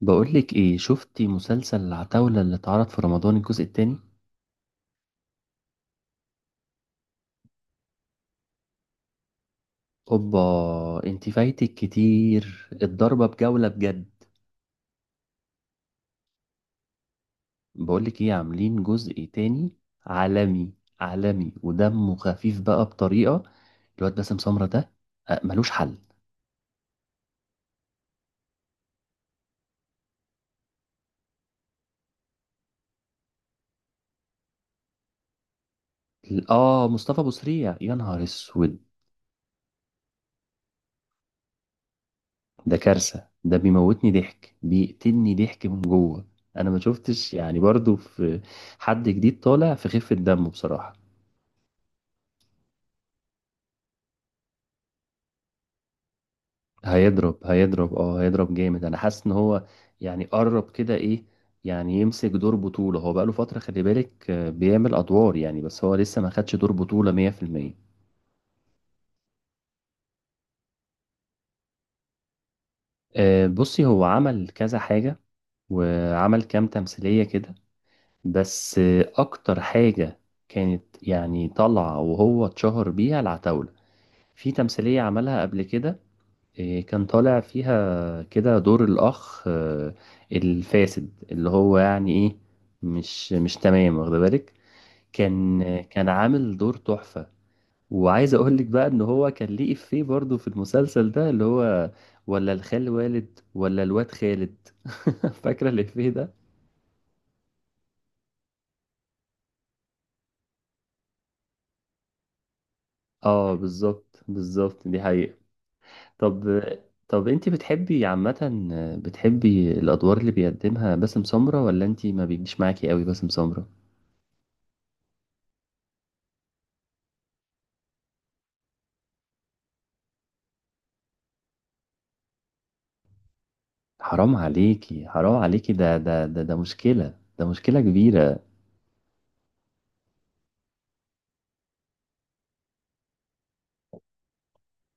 بقولك ايه شفتي مسلسل العتاولة اللي اتعرض في رمضان الجزء التاني؟ اوبا. انتي فايتك كتير الضربة بجولة بجد. بقولك ايه عاملين جزء تاني. عالمي. عالمي ودمه خفيف بقى بطريقة. الواد باسم سمرة ده. ملوش حل. اه، مصطفى ابو سريع يا نهار اسود. ده كارثة، ده بيموتني ضحك، بيقتلني ضحك من جوه. انا ما شفتش يعني برضو في حد جديد طالع في خفة دمه بصراحة. هيضرب هيضرب اه هيضرب جامد، انا حاسس ان هو يعني قرب كده ايه. يعني يمسك دور بطولة، هو بقاله فترة، خلي بالك بيعمل ادوار يعني، بس هو لسه ما خدش دور بطولة 100%. آه، بصي هو عمل كذا حاجة وعمل كام تمثيلية كده. بس اكتر حاجة كانت يعني طالعة وهو اتشهر بيها العتاولة، في تمثيلية عملها قبل كده. إيه، كان طالع فيها كده دور الأخ الفاسد، اللي هو يعني إيه، مش تمام، واخد بالك؟ كان عامل دور تحفة. وعايز أقول لك بقى إن هو كان ليه إفيه برضه في المسلسل ده، اللي هو ولا الخال والد ولا الواد خالد. فاكرة الإفيه ده؟ آه، بالظبط بالظبط، دي حقيقة. طب. طب أنت بتحبي عامة، بتحبي الأدوار اللي بيقدمها باسم سمرة، ولا أنت ما بيجيش معاكي قوي باسم سمرة؟ حرام عليكي حرام عليكي، ده مشكلة، ده مشكلة كبيرة.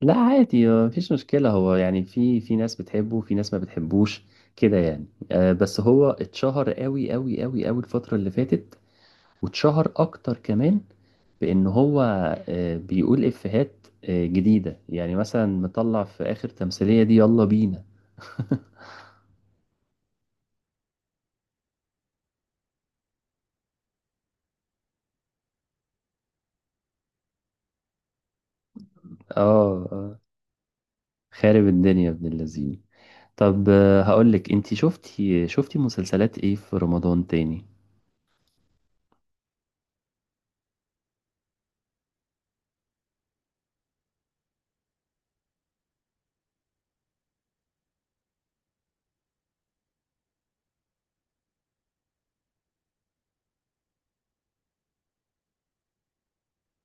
لا، عادي، مفيش مشكلة. هو يعني في ناس بتحبه، في ناس ما بتحبوش، كده يعني. بس هو اتشهر قوي قوي قوي قوي الفترة اللي فاتت، واتشهر أكتر كمان بإن هو بيقول إفيهات جديدة. يعني مثلا مطلع في آخر تمثيلية دي، يلا بينا. اه، آه، خارب الدنيا ابن اللذين. طب هقولك انتي، شفتي مسلسلات ايه في رمضان تاني؟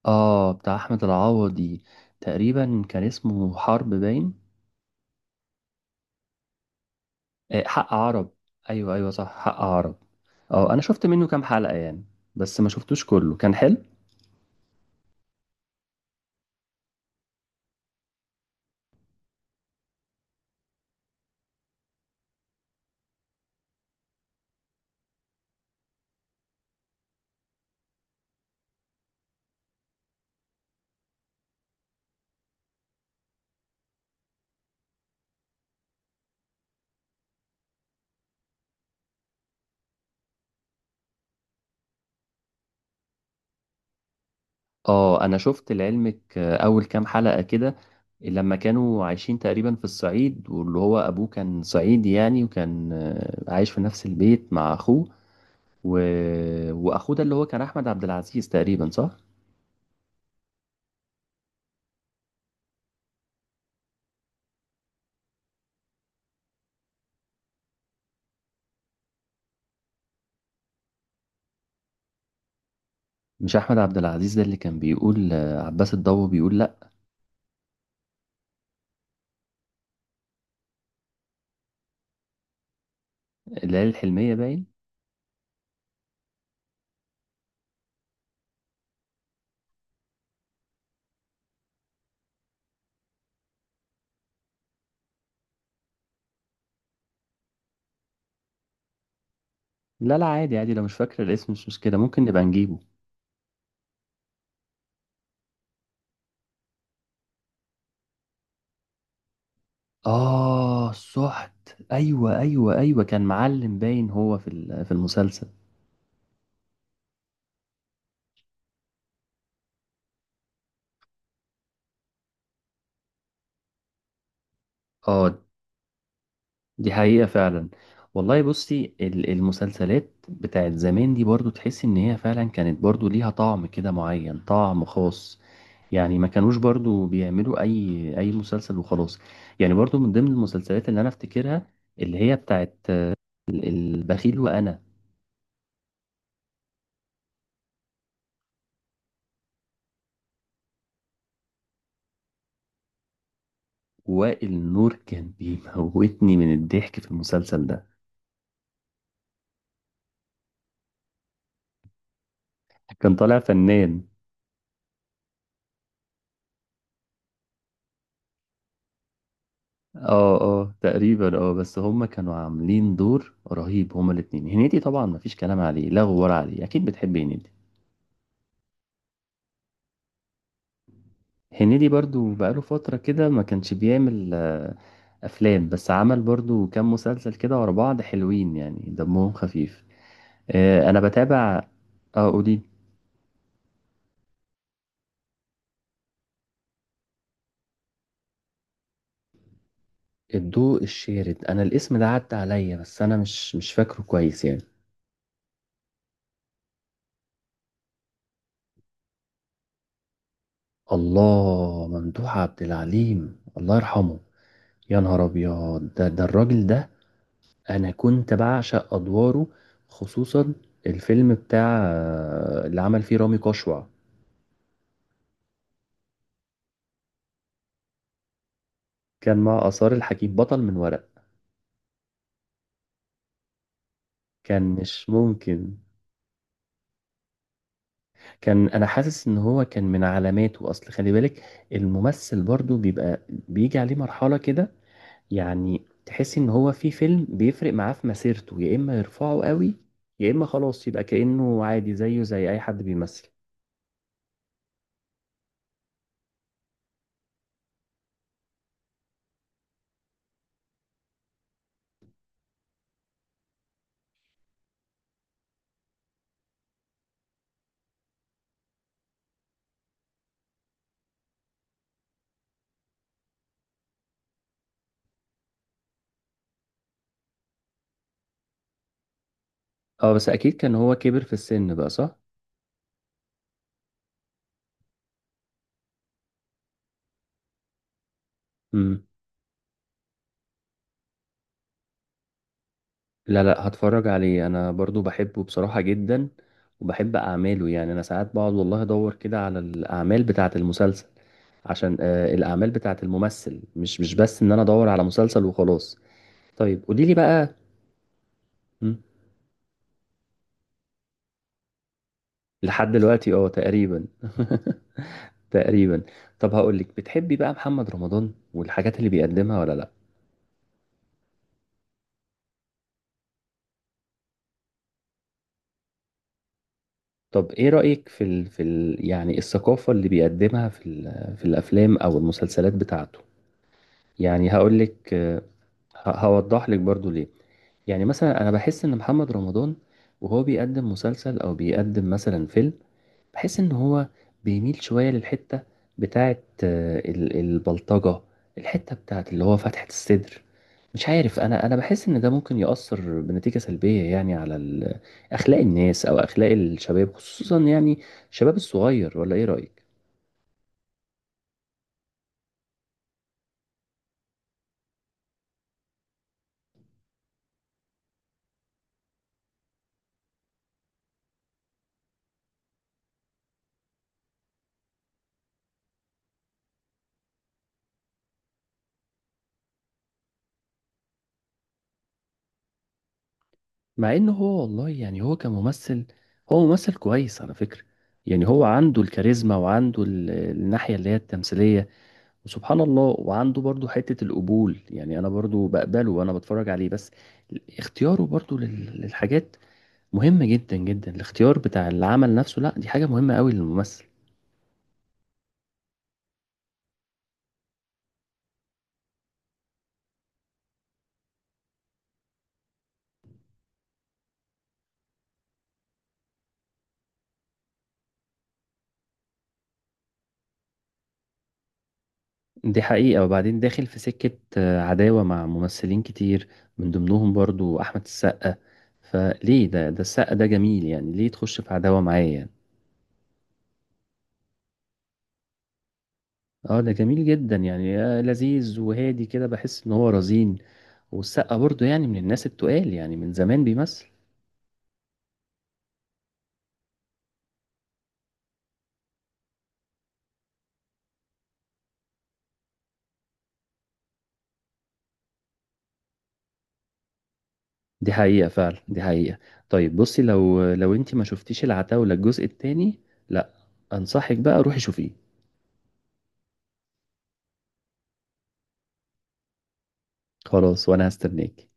اه، بتاع احمد العوضي. تقريبا كان اسمه حرب باين. آه، حق عرب. ايوه، ايوه، صح، حق عرب. اه، انا شفت منه كام حلقة يعني، بس ما شفتوش كله، كان حلو. اه، انا شفت لعلمك اول كام حلقة كده، لما كانوا عايشين تقريبا في الصعيد، واللي هو ابوه كان صعيدي يعني، وكان عايش في نفس البيت مع اخوه. و... واخوه ده اللي هو كان احمد عبد العزيز تقريبا، صح؟ مش احمد عبد العزيز ده اللي كان بيقول عباس الضو، بيقول لا؟ العيله الحلميه باين. لا، لا، عادي، عادي، لو مش فاكر الاسم مش مشكلة، ممكن نبقى نجيبه. آه، سحت. أيوة، أيوة، أيوة، كان معلم باين هو في في المسلسل. آه، دي حقيقة فعلا. والله بصي المسلسلات بتاعت زمان دي برضو تحس إن هي فعلا كانت برضو ليها طعم كده معين، طعم خاص. يعني ما كانوش برضو بيعملوا أي مسلسل وخلاص. يعني برضو من ضمن المسلسلات اللي أنا أفتكرها، اللي هي بتاعت البخيل وأنا. وائل نور كان بيموتني من الضحك في المسلسل ده. كان طالع فنان. اه، اه، تقريبا، اه، بس هما كانوا عاملين دور رهيب هما الاتنين. هنيدي طبعا مفيش كلام عليه، لا غبار عليه، اكيد بتحب هنيدي. هنيدي برضو بقاله فترة كده ما كانش بيعمل افلام، بس عمل برضو كام مسلسل كده ورا بعض حلوين يعني، دمهم خفيف. انا بتابع. اه، قولي. الضوء الشارد، انا الاسم ده عدى عليا، بس انا مش فاكره كويس يعني. الله، ممدوح عبد العليم، الله يرحمه. يا نهار ابيض، ده الراجل ده انا كنت بعشق ادواره، خصوصا الفيلم بتاع اللي عمل فيه رامي كشوع، كان مع آثار الحكيم، بطل من ورق. كان مش ممكن. كان انا حاسس ان هو كان من علاماته، اصل خلي بالك الممثل برضو بيبقى بيجي عليه مرحلة كده، يعني تحس ان هو في فيلم بيفرق معاه في مسيرته، يا اما يرفعه قوي، يا اما خلاص يبقى كأنه عادي زيه زي اي حد بيمثل. اه، بس اكيد كان هو كبر في السن بقى، صح؟ امم. لا، لا، هتفرج عليه، انا برضو بحبه بصراحة جدا، وبحب اعماله. يعني انا ساعات بقعد والله ادور كده على الاعمال بتاعة المسلسل، عشان الاعمال بتاعة الممثل، مش بس ان انا ادور على مسلسل وخلاص. طيب، قولي لي بقى. مم. لحد دلوقتي تقريبا. تقريبا. طب هقول لك، بتحبي بقى محمد رمضان والحاجات اللي بيقدمها، ولا لا؟ طب ايه رأيك يعني الثقافة اللي بيقدمها في الافلام او المسلسلات بتاعته؟ يعني هقول لك، هوضح لك برضو ليه. يعني مثلا انا بحس ان محمد رمضان وهو بيقدم مسلسل او بيقدم مثلا فيلم، بحس ان هو بيميل شوية للحتة بتاعت البلطجة، الحتة بتاعت اللي هو فتحة الصدر. مش عارف، انا بحس ان ده ممكن يأثر بنتيجة سلبية يعني على اخلاق الناس او اخلاق الشباب، خصوصا يعني الشباب الصغير. ولا ايه رأيك؟ مع ان هو والله يعني هو كممثل، هو ممثل كويس على فكرة. يعني هو عنده الكاريزما، وعنده الناحية اللي هي التمثيلية، سبحان الله، وعنده برضو حتة القبول. يعني أنا برضو بقبله وأنا بتفرج عليه، بس اختياره برضو للحاجات مهمة جدا جدا. الاختيار بتاع العمل نفسه لا، دي حاجة مهمة قوي للممثل. دي حقيقة، وبعدين داخل في سكة عداوة مع ممثلين كتير، من ضمنهم برضو أحمد السقا. فليه، ده السقا ده جميل، يعني ليه تخش في عداوة معاه يعني؟ اه، ده جميل جدا يعني، لذيذ وهادي كده، بحس ان هو رزين. والسقا برضو يعني من الناس التقال، يعني من زمان بيمثل. دي حقيقة فعلا، دي حقيقة. طيب بصي، لو انت ما شفتيش العتاولة الجزء التاني. لا. انصحك بقى روحي شوفيه. خلاص، وانا هستناك.